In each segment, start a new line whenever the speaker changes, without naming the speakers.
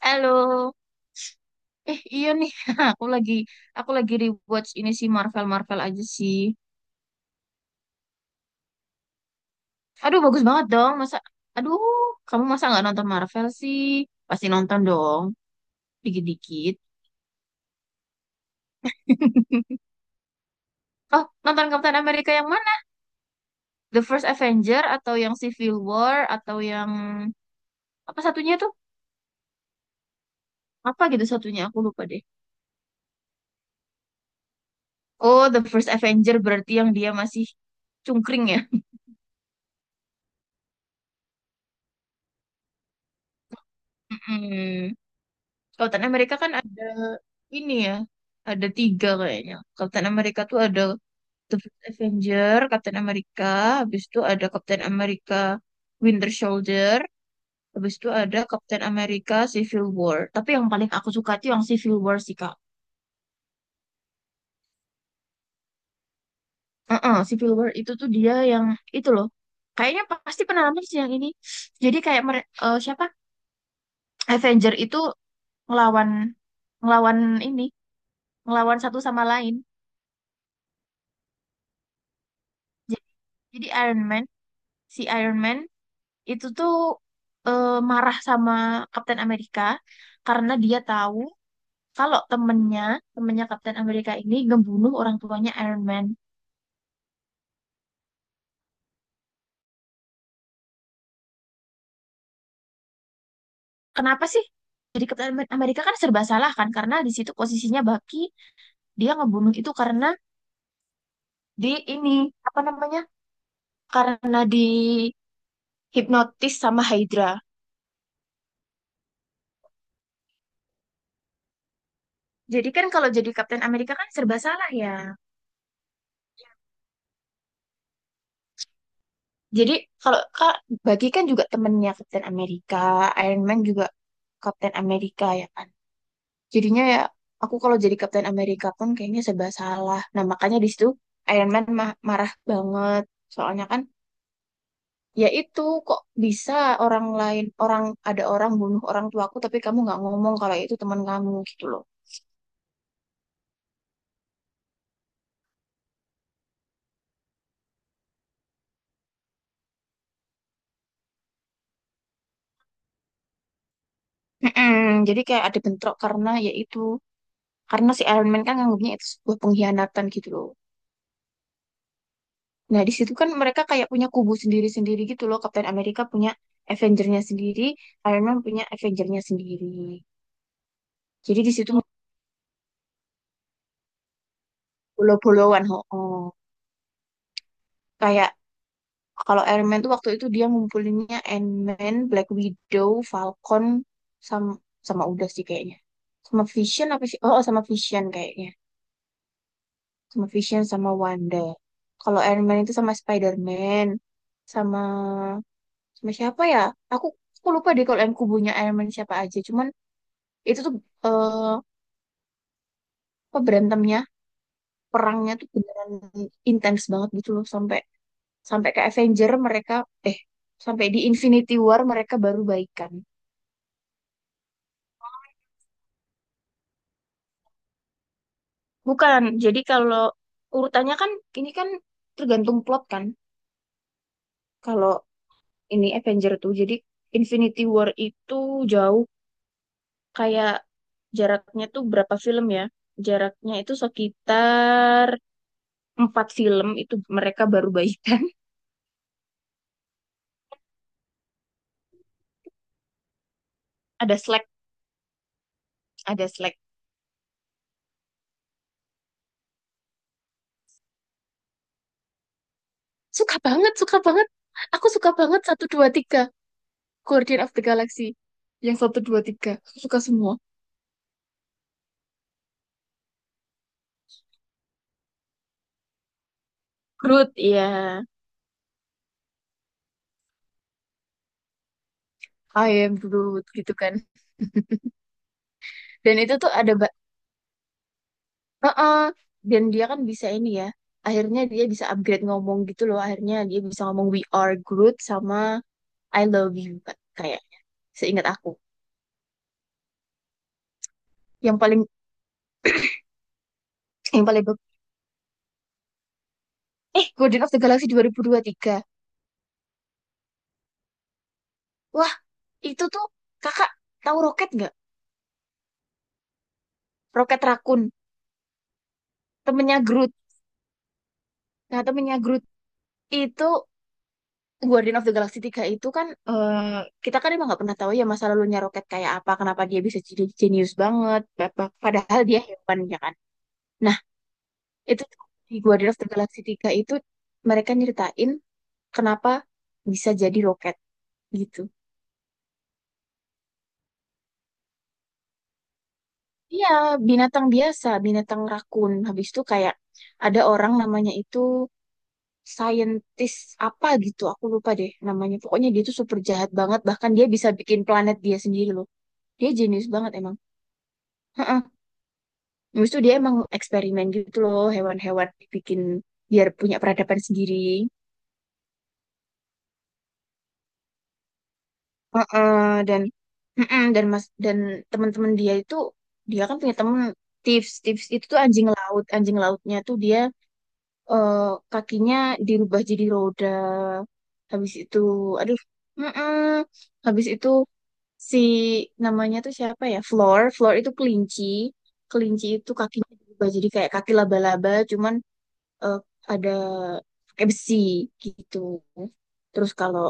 Halo, eh iya nih, aku lagi aku lagi rewatch ini sih Marvel Marvel aja sih. Aduh bagus banget dong, masa, aduh kamu masa nggak nonton Marvel sih? Pasti nonton dong, dikit-dikit. Oh nonton Captain America yang mana? The First Avenger atau yang Civil War atau yang apa satunya tuh? Apa gitu satunya? Aku lupa deh. Oh The First Avenger berarti yang dia masih cungkring ya? Mm-mm. Kapten Amerika kan ada ini ya, ada tiga kayaknya. Kapten Amerika tuh ada The First Avenger, Kapten Amerika, habis itu ada Kapten Amerika Winter Soldier, habis itu ada Kapten Amerika Civil War. Tapi yang paling aku suka tuh yang Civil War sih, Kak. Heeh, Civil War itu tuh dia yang itu loh. Kayaknya pasti pernah nonton sih yang ini. Jadi kayak siapa? Avenger itu ngelawan ngelawan ini, ngelawan satu sama lain. Jadi jadi Iron Man, si Iron Man itu tuh marah sama Kapten Amerika karena dia tahu kalau temennya Kapten Amerika ini ngebunuh orang tuanya Iron Man. Kenapa sih? Jadi Kapten Amerika kan serba salah kan karena di situ posisinya Bucky dia ngebunuh itu karena di ini apa namanya? Karena di hipnotis sama Hydra. Jadi kan kalau jadi Kapten Amerika kan serba salah ya. Jadi kalau Kak Bucky kan juga temennya Kapten Amerika, Iron Man juga Kapten Amerika ya kan. Jadinya ya aku kalau jadi Kapten Amerika pun kayaknya serba salah. Nah, makanya di situ Iron Man marah banget. Soalnya kan ya itu kok bisa orang lain orang ada orang bunuh orang tuaku tapi kamu nggak ngomong kalau itu teman kamu gitu loh. Mm-mm. Jadi kayak ada bentrok karena ya itu karena si Iron Man kan nganggapnya itu sebuah pengkhianatan gitu loh. Nah, di situ kan mereka kayak punya kubu sendiri-sendiri gitu loh. Kapten Amerika punya Avenger-nya sendiri, Iron Man punya Avenger-nya sendiri. Jadi di situ Puluh-puluhan, ho Oh. Kayak kalau Iron Man tuh waktu itu dia ngumpulinnya Ant-Man, Black Widow, Falcon, sama, sama udah sih kayaknya. Sama Vision apa sih? Oh, oh, sama Vision kayaknya. Sama Vision sama Wanda. Kalau Iron Man itu sama Spider-Man, sama sama siapa ya? Aku, aku lupa deh kalau yang kubunya Iron Man siapa aja. Cuman itu tuh eh, apa berantemnya, perangnya tuh beneran intens banget gitu loh sampai sampai ke Avenger mereka eh sampai di Infinity War mereka baru baikan. Bukan. Jadi kalau urutannya kan ini kan tergantung plot kan. Kalau ini Avenger tuh jadi Infinity War itu jauh kayak jaraknya tuh berapa film ya? Jaraknya itu sekitar empat film itu mereka baru baikan. Ada Slack, ada Slack. Suka banget, suka banget. Aku suka banget satu dua tiga Guardian of the Galaxy. Yang satu dua tiga, aku suka semua. Groot, iya. I am Groot gitu kan. Dan itu tuh ada Heeh. Dan dia kan bisa ini ya. Akhirnya dia bisa upgrade ngomong gitu loh. Akhirnya dia bisa ngomong we are Groot sama I love you Kak, kayak seingat aku. Yang paling yang paling bag- eh Guardian of the Galaxy 2023. Wah, itu tuh Kakak tahu Roket nggak? Roket Rakun, temennya Groot. Nah, temennya Groot itu Guardian of the Galaxy Tiga itu kan kita kan emang nggak pernah tahu ya masa lalunya Rocket kayak apa, kenapa dia bisa jadi jenius banget, padahal dia hewan ya kan. Nah, itu tuh di Guardian of the Galaxy Tiga itu mereka nyeritain kenapa bisa jadi Rocket gitu. Iya, binatang biasa, binatang rakun. Habis itu kayak ada orang namanya itu saintis apa gitu, aku lupa deh namanya. Pokoknya dia tuh super jahat banget, bahkan dia bisa bikin planet dia sendiri loh. Dia jenius banget emang. Habis itu dia emang eksperimen gitu loh, hewan-hewan dibikin biar punya peradaban sendiri. Heeh, dan mas dan teman-teman dia itu dia kan punya temen tips tips itu tuh anjing laut anjing lautnya tuh dia eh, kakinya dirubah jadi roda habis itu aduh heeh, habis itu si namanya tuh siapa ya Floor Floor itu kelinci. Kelinci itu kakinya dirubah jadi kayak kaki laba-laba cuman eh, ada pakai besi gitu. Terus kalau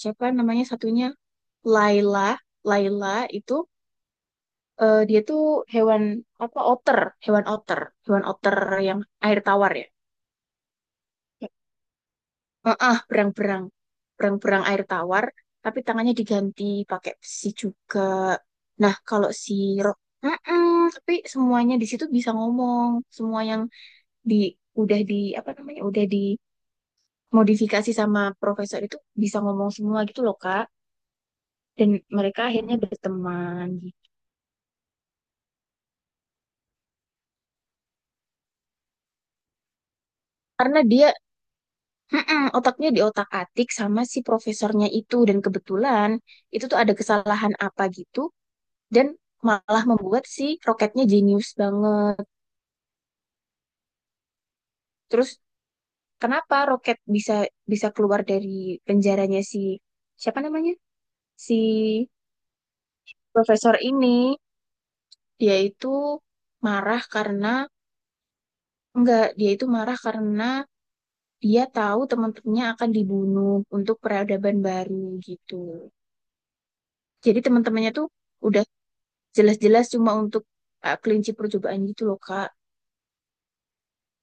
siapa namanya satunya Laila, Laila itu dia tuh hewan apa otter, hewan otter, hewan otter yang air tawar ya. Heeh, berang-berang, berang-berang air tawar, tapi tangannya diganti pakai besi juga. Nah, kalau si Heeh, tapi semuanya di situ bisa ngomong, semua yang di udah di apa namanya, udah di modifikasi sama profesor itu bisa ngomong semua gitu loh Kak dan mereka akhirnya berteman gitu. Karena dia mm-mm, otaknya diotak-atik sama si profesornya itu dan kebetulan itu tuh ada kesalahan apa gitu dan malah membuat si roketnya jenius banget terus kenapa roket bisa bisa keluar dari penjaranya si siapa namanya si profesor ini dia itu marah karena enggak dia itu marah karena dia tahu teman-temannya akan dibunuh untuk peradaban baru gitu. Jadi teman-temannya tuh udah jelas-jelas cuma untuk kelinci percobaan gitu loh Kak,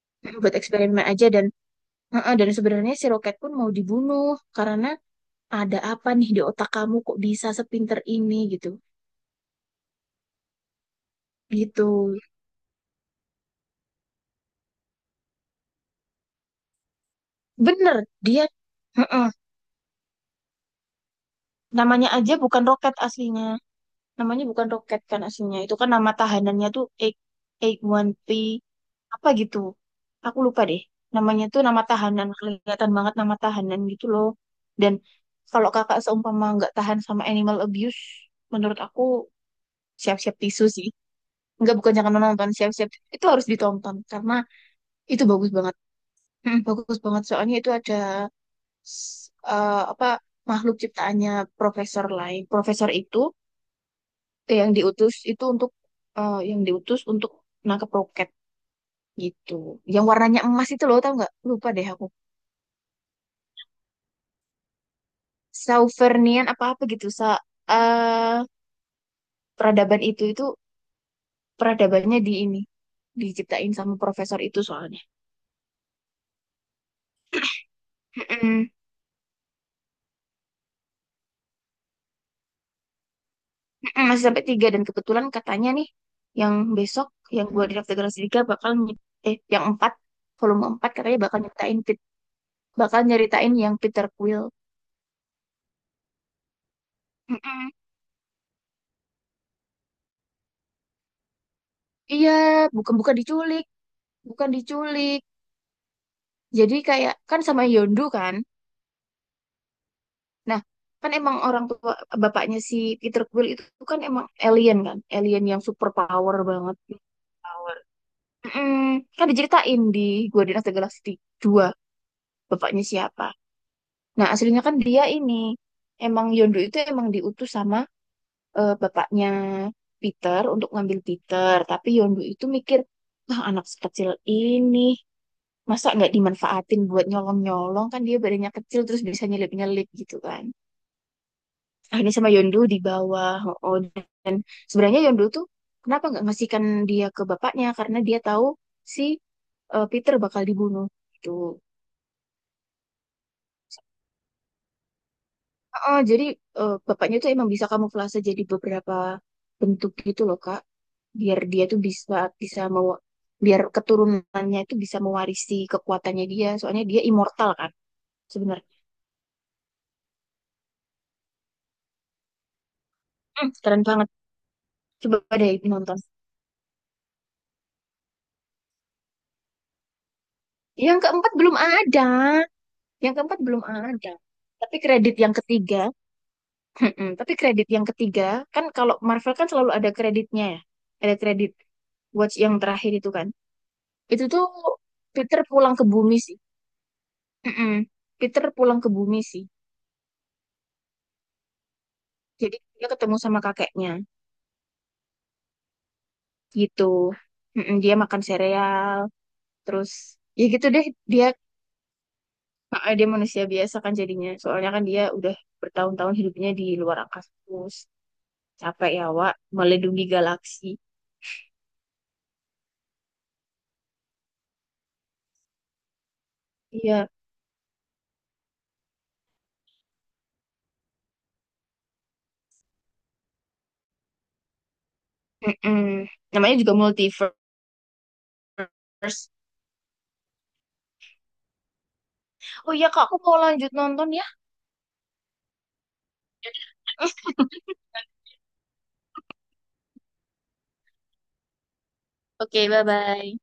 buat eksperimen aja dan Heeh, dan sebenarnya si Roket pun mau dibunuh karena ada apa nih di otak kamu kok bisa sepinter ini gitu. Gitu. Bener, dia heeh, namanya aja bukan Roket aslinya. Namanya bukan roket kan aslinya. Itu kan nama tahanannya tuh A-1P apa gitu. Aku lupa deh. Namanya tuh nama tahanan. Kelihatan banget nama tahanan gitu loh. Dan kalau kakak seumpama nggak tahan sama animal abuse, menurut aku siap-siap tisu sih. Nggak bukan jangan menonton, siap-siap. Itu harus ditonton. Karena itu bagus banget. Hmm, bagus banget. Soalnya itu ada s- apa makhluk ciptaannya Profesor lain. Profesor itu yang diutus itu untuk yang diutus untuk nangkep roket gitu. Yang warnanya emas itu loh, tau nggak? Lupa deh aku. Sauvernian apa-apa gitu. Eh, peradaban itu peradabannya di ini diciptain sama profesor itu soalnya. Mm-mm. Mm-mm, masih sampai tiga dan kebetulan katanya nih yang besok yang gua diintegrasi tiga bakal yang empat volume empat katanya bakal bakal nyeritain yang Peter Quill. Mm-mm. Iya, bukan bukan diculik, bukan diculik. Jadi kayak kan sama Yondu kan. Nah, kan emang orang tua bapaknya si Peter Quill itu kan emang alien kan, alien yang super power banget. Power. Mm, Kan diceritain di Guardian of the Galaxy 2 bapaknya siapa. Nah, aslinya kan dia ini emang Yondu itu emang diutus sama bapaknya Peter untuk ngambil Peter, tapi Yondu itu mikir, "Wah, anak sekecil ini masa nggak dimanfaatin buat nyolong-nyolong kan dia badannya kecil terus bisa nyelip-nyelip gitu kan." Akhirnya sama Yondu di bawah. Oh, oh, dan sebenarnya Yondu tuh kenapa nggak ngasihkan dia ke bapaknya? Karena dia tahu si Peter bakal dibunuh. Gitu. Oh, jadi bapaknya tuh emang bisa kamuflase jadi beberapa bentuk gitu loh, Kak. Biar dia tuh bisa bisa mau biar keturunannya itu bisa mewarisi kekuatannya dia. Soalnya dia immortal kan sebenarnya. Hmm, keren banget. Coba deh nonton. Yang keempat belum ada. Yang keempat belum ada. Tapi kredit yang ketiga, Mm-mm. Tapi kredit yang ketiga, kan kalau Marvel kan selalu ada kreditnya ya. Ada kredit Watch yang terakhir itu kan. Itu tuh Peter pulang ke bumi sih. Mm-mm. Peter pulang ke bumi sih. Jadi dia ketemu sama kakeknya gitu. Mm-mm. Dia makan sereal, terus ya gitu deh dia dia manusia biasa kan jadinya. Soalnya kan dia udah bertahun-tahun hidupnya di luar angkasa terus capek ya Wak melindungi galaksi. Iya, Mm-mm. Namanya juga multiverse. Oh iya kak, aku mau lanjut nonton ya. Oke, bye-bye.